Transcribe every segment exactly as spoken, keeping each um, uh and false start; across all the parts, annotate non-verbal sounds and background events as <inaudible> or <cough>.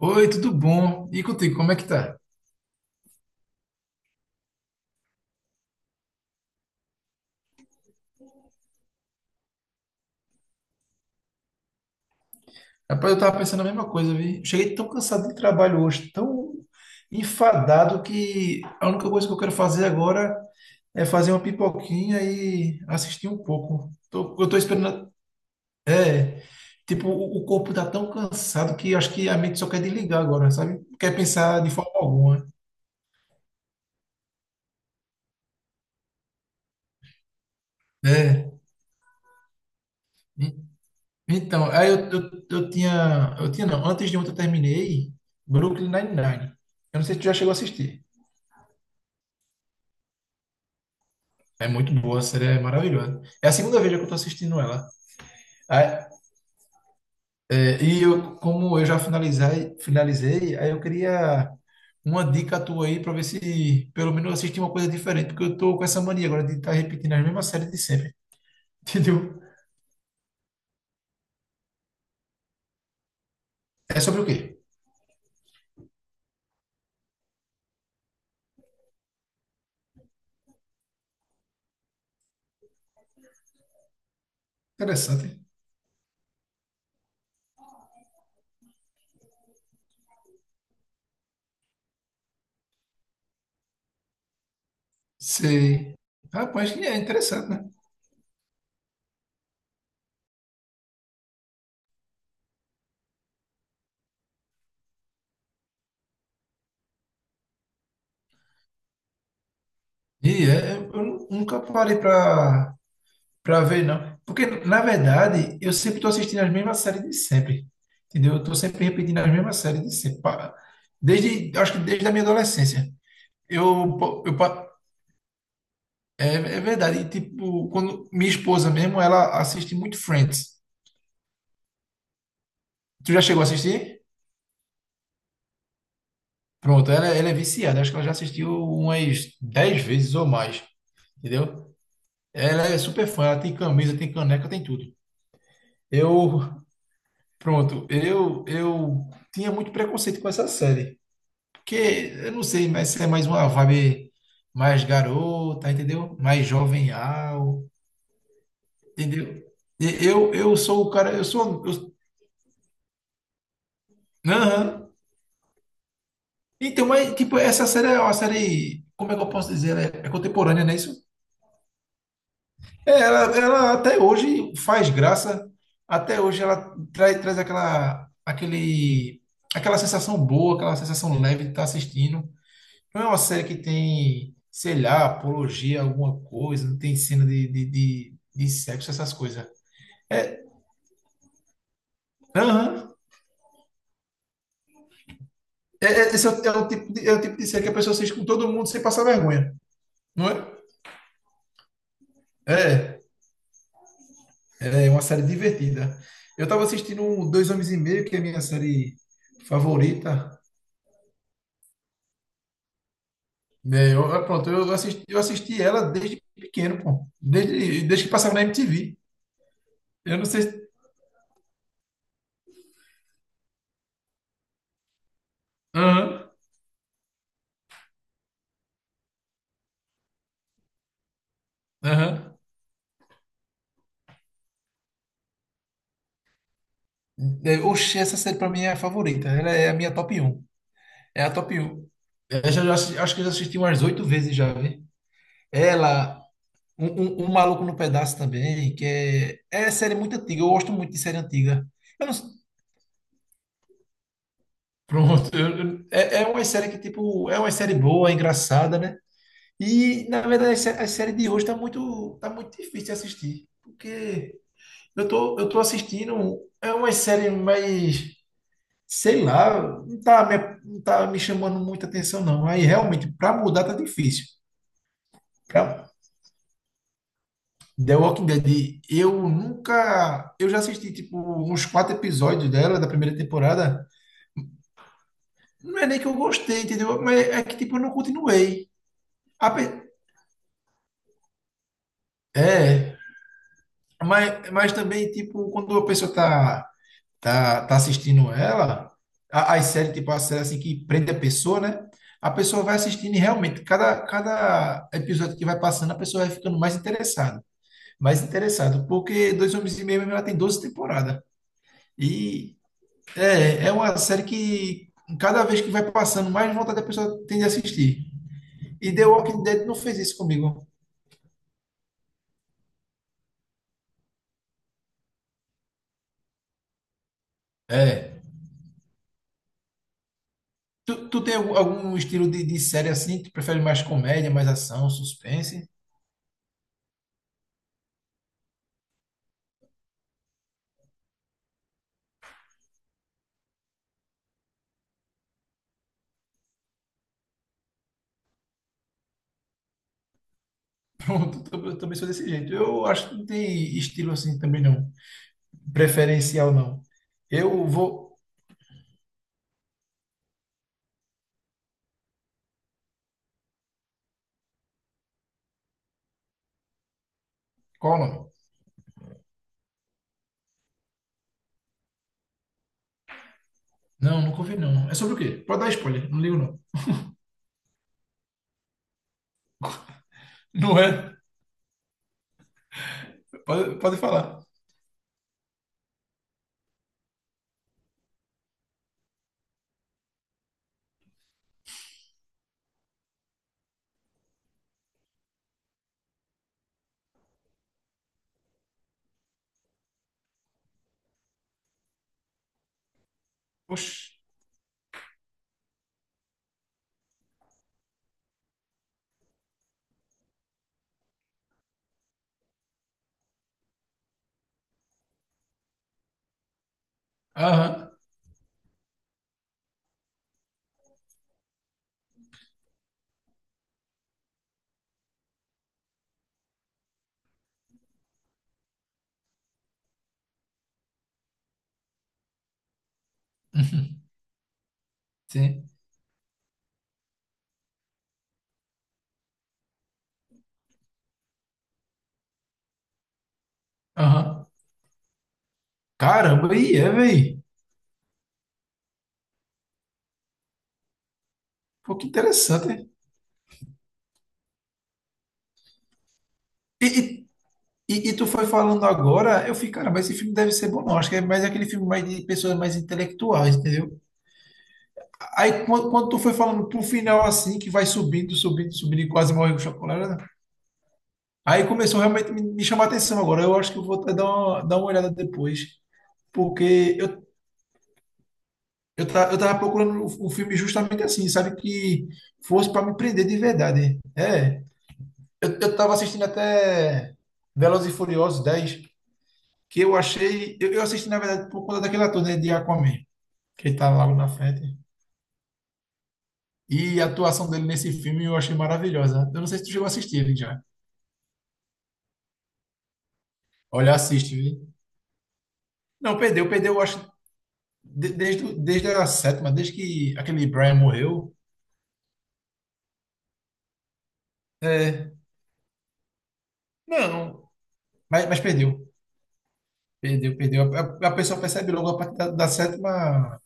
Oi, tudo bom? E contigo, como é que tá? Rapaz, eu tava pensando a mesma coisa, vi. Cheguei tão cansado de trabalho hoje, tão enfadado que a única coisa que eu quero fazer agora é fazer uma pipoquinha e assistir um pouco. Tô- eu tô esperando, tipo, o, o corpo tá tão cansado que acho que a mente só quer desligar agora, sabe? Não quer pensar de forma alguma. É. en- Então, aí eu, eu, eu tinha, eu tinha não, antes de ontem eu terminei Brooklyn Nine-Nine. Eu não sei se tu já chegou a assistir. É muito boa, a série é maravilhosa. É a segunda vez já que eu tô assistindo ela. Ah, é, e eu, como eu já finalizei, finalizei, aí eu queria uma dica tua aí para ver se pelo menos eu assisti uma coisa diferente, porque eu tô com essa mania agora de estar repetindo as mesmas séries de sempre, <laughs> entendeu? É sobre o quê? Interessante. Sei. Rapaz, que é interessante, né? E é, eu nu- nunca parei para Pra ver, não. Porque, na verdade, eu sempre tô assistindo as mesmas séries de sempre. Entendeu? Eu tô sempre repetindo as mesmas séries de sempre. Pa- Desde, acho que desde a minha adolescência. Eu, po- eu, pa- é, é verdade. E, tipo, quando minha esposa mesmo, ela assiste muito Friends. Tu já chegou a assistir? Pronto, ela, ela é viciada. Acho que ela já assistiu umas dez vezes ou mais. Entendeu? Ela é super fã. Ela tem camisa, tem caneca, tem tudo. Eu, pronto, eu, eu tinha muito preconceito com essa série. Porque, eu não sei, mas é mais uma vibe mais garota, entendeu? Mais jovenhal, entendeu? E Eu, eu sou o cara, eu sou. Eu, Aham. Então, mas, tipo, essa série é uma série. Como é que eu posso dizer? Ela É, é contemporânea, não é isso? É, ela, ela até hoje faz graça, até hoje ela traz, traz aquela, aquele, aquela sensação boa, aquela sensação leve de estar assistindo. Não é uma série que tem, sei lá, apologia, a alguma coisa, não tem cena de, de, de, de sexo, essas coisas. É, aham. É, é- esse é o, é o tipo de, é o tipo de série que a pessoa assiste com todo mundo sem passar vergonha, não é? É, é uma série divertida. Eu estava assistindo um Dois Homens e Meio, que é a minha série favorita. Né? eu, eu- pronto, eu assisti, eu assisti ela desde pequeno, pô. Desde, desde que passava na M T V. Eu não sei se... Aham, aham. É, Oxi, essa série pra mim é a favorita. Ela é a minha top um. É a top um eu já- já assi- acho que eu já assisti umas oito vezes já, vi. Ela, um, um, um Maluco no Pedaço também, que é, é série muito antiga. Eu gosto muito de série antiga. Eu não, pronto. eu- eu- é, é uma série que, tipo, é uma série boa, é engraçada, né? E, na verdade, a sé- a série de hoje tá muito, tá muito difícil de assistir. Porque eu tô, eu tô assistindo. É uma série mais. Sei lá, não tá me, não tá me chamando muita atenção, não. Aí realmente, para mudar tá difícil. Pra The Walking Dead, eu nunca. Eu já assisti tipo uns quatro episódios dela, da primeira temporada. Não é nem que eu gostei, entendeu? Mas é que tipo, eu não continuei. A pe- É, mas, mas também, tipo, quando a pessoa tá tá, tá assistindo ela, a- as séries, tipo, a série assim que prende a pessoa, né? A pessoa vai assistindo e realmente, cada, cada episódio que vai passando, a pessoa vai ficando mais interessada. Mais interessado, porque Dois Homens e Meio, ela tem doze temporadas. E é, é uma série que, cada vez que vai passando, mais vontade a pessoa tem de assistir. E The Walking Dead não fez isso comigo. É. Tu, tu tem algum, algum estilo de, de série assim? Tu prefere mais comédia, mais ação, suspense? Pronto, eu também sou desse jeito. Eu acho que não tem estilo assim também não. Preferencial não. Eu vou. Qual o nome? Não, nunca ouvi não. É sobre o quê? Pode dar spoiler, não ligo não. Não é? Pode, pode falar. Oxi. Aham. <laughs> Sim. Aham. Caramba, e é, velho. Pô, que interessante, hein? E, e, e, e tu foi falando agora, eu fiquei, cara, mas esse filme deve ser bom, não. Acho que é mais aquele filme mais de pessoas mais intelectuais, entendeu? Aí quando, quando tu foi falando pro final assim, que vai subindo, subindo, subindo e quase morre com chocolate, né? Aí começou realmente a me, me chamar a atenção agora. Eu acho que eu vou até dar uma, dar uma olhada depois, porque eu, eu, ta- eu tava procurando um um filme justamente assim, sabe? Que fosse para me prender de verdade. É, eu, eu tava assistindo até Velozes e Furiosos dez, que eu achei. Eu, eu assisti, na verdade, por conta daquele ator, né, de Aquaman, que ele tá lá na frente. E a atuação dele nesse filme eu achei maravilhosa. Eu não sei se tu chegou a assistir ele já. Olha, assiste, viu? Não, perdeu, perdeu, eu acho, de- desde, desde a sétima, desde que aquele Brian morreu. Não, mas, mas perdeu, perdeu, perdeu. A, a- a pessoa percebe logo a partir da, da sétima,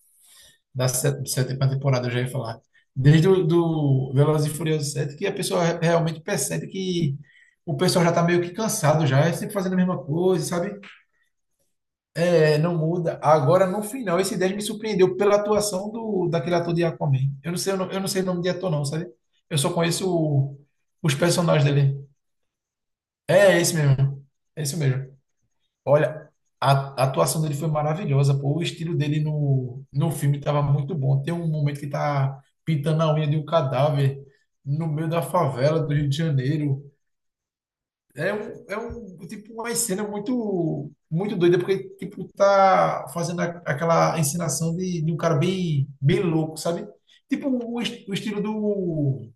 da sé- sétima temporada, eu já ia falar. Desde o do Velozes e Furiosos sete que a pessoa re- realmente percebe que o pessoal já tá meio que cansado já, é sempre fazendo a mesma coisa, sabe? É, não muda. Agora, no final, esse dez me surpreendeu pela atuação do, daquele ator de Aquaman. Eu não sei, eu não, eu não sei o nome de ator, não, sabe? Eu só conheço o- os personagens dele. É, é esse mesmo. É esse mesmo. Olha, a, a atuação dele foi maravilhosa, pô. O estilo dele no, no filme estava muito bom. Tem um momento que tá pintando a unha de um cadáver no meio da favela do Rio de Janeiro. É um, é um tipo uma cena muito muito doida porque tipo tá fazendo a- aquela encenação de, de um cara bem bem louco, sabe? Tipo o, est- o estilo do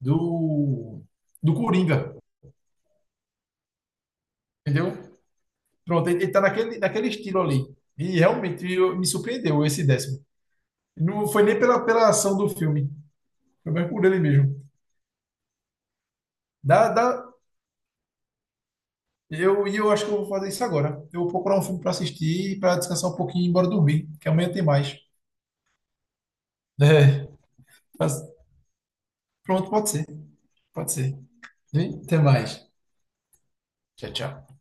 do do Coringa, entendeu? Pronto, ele, ele tá naquele naquele estilo ali. E realmente eu- me surpreendeu esse décimo. Não foi nem pela pela ação do filme, foi mais por ele mesmo. Dá, dá, eu e eu acho que eu vou fazer isso agora. Eu vou procurar um filme para assistir para descansar um pouquinho e ir embora dormir, que amanhã tem mais. <laughs> Faz- Pronto, pode ser, pode ser. E até mais. Tchau, tchau.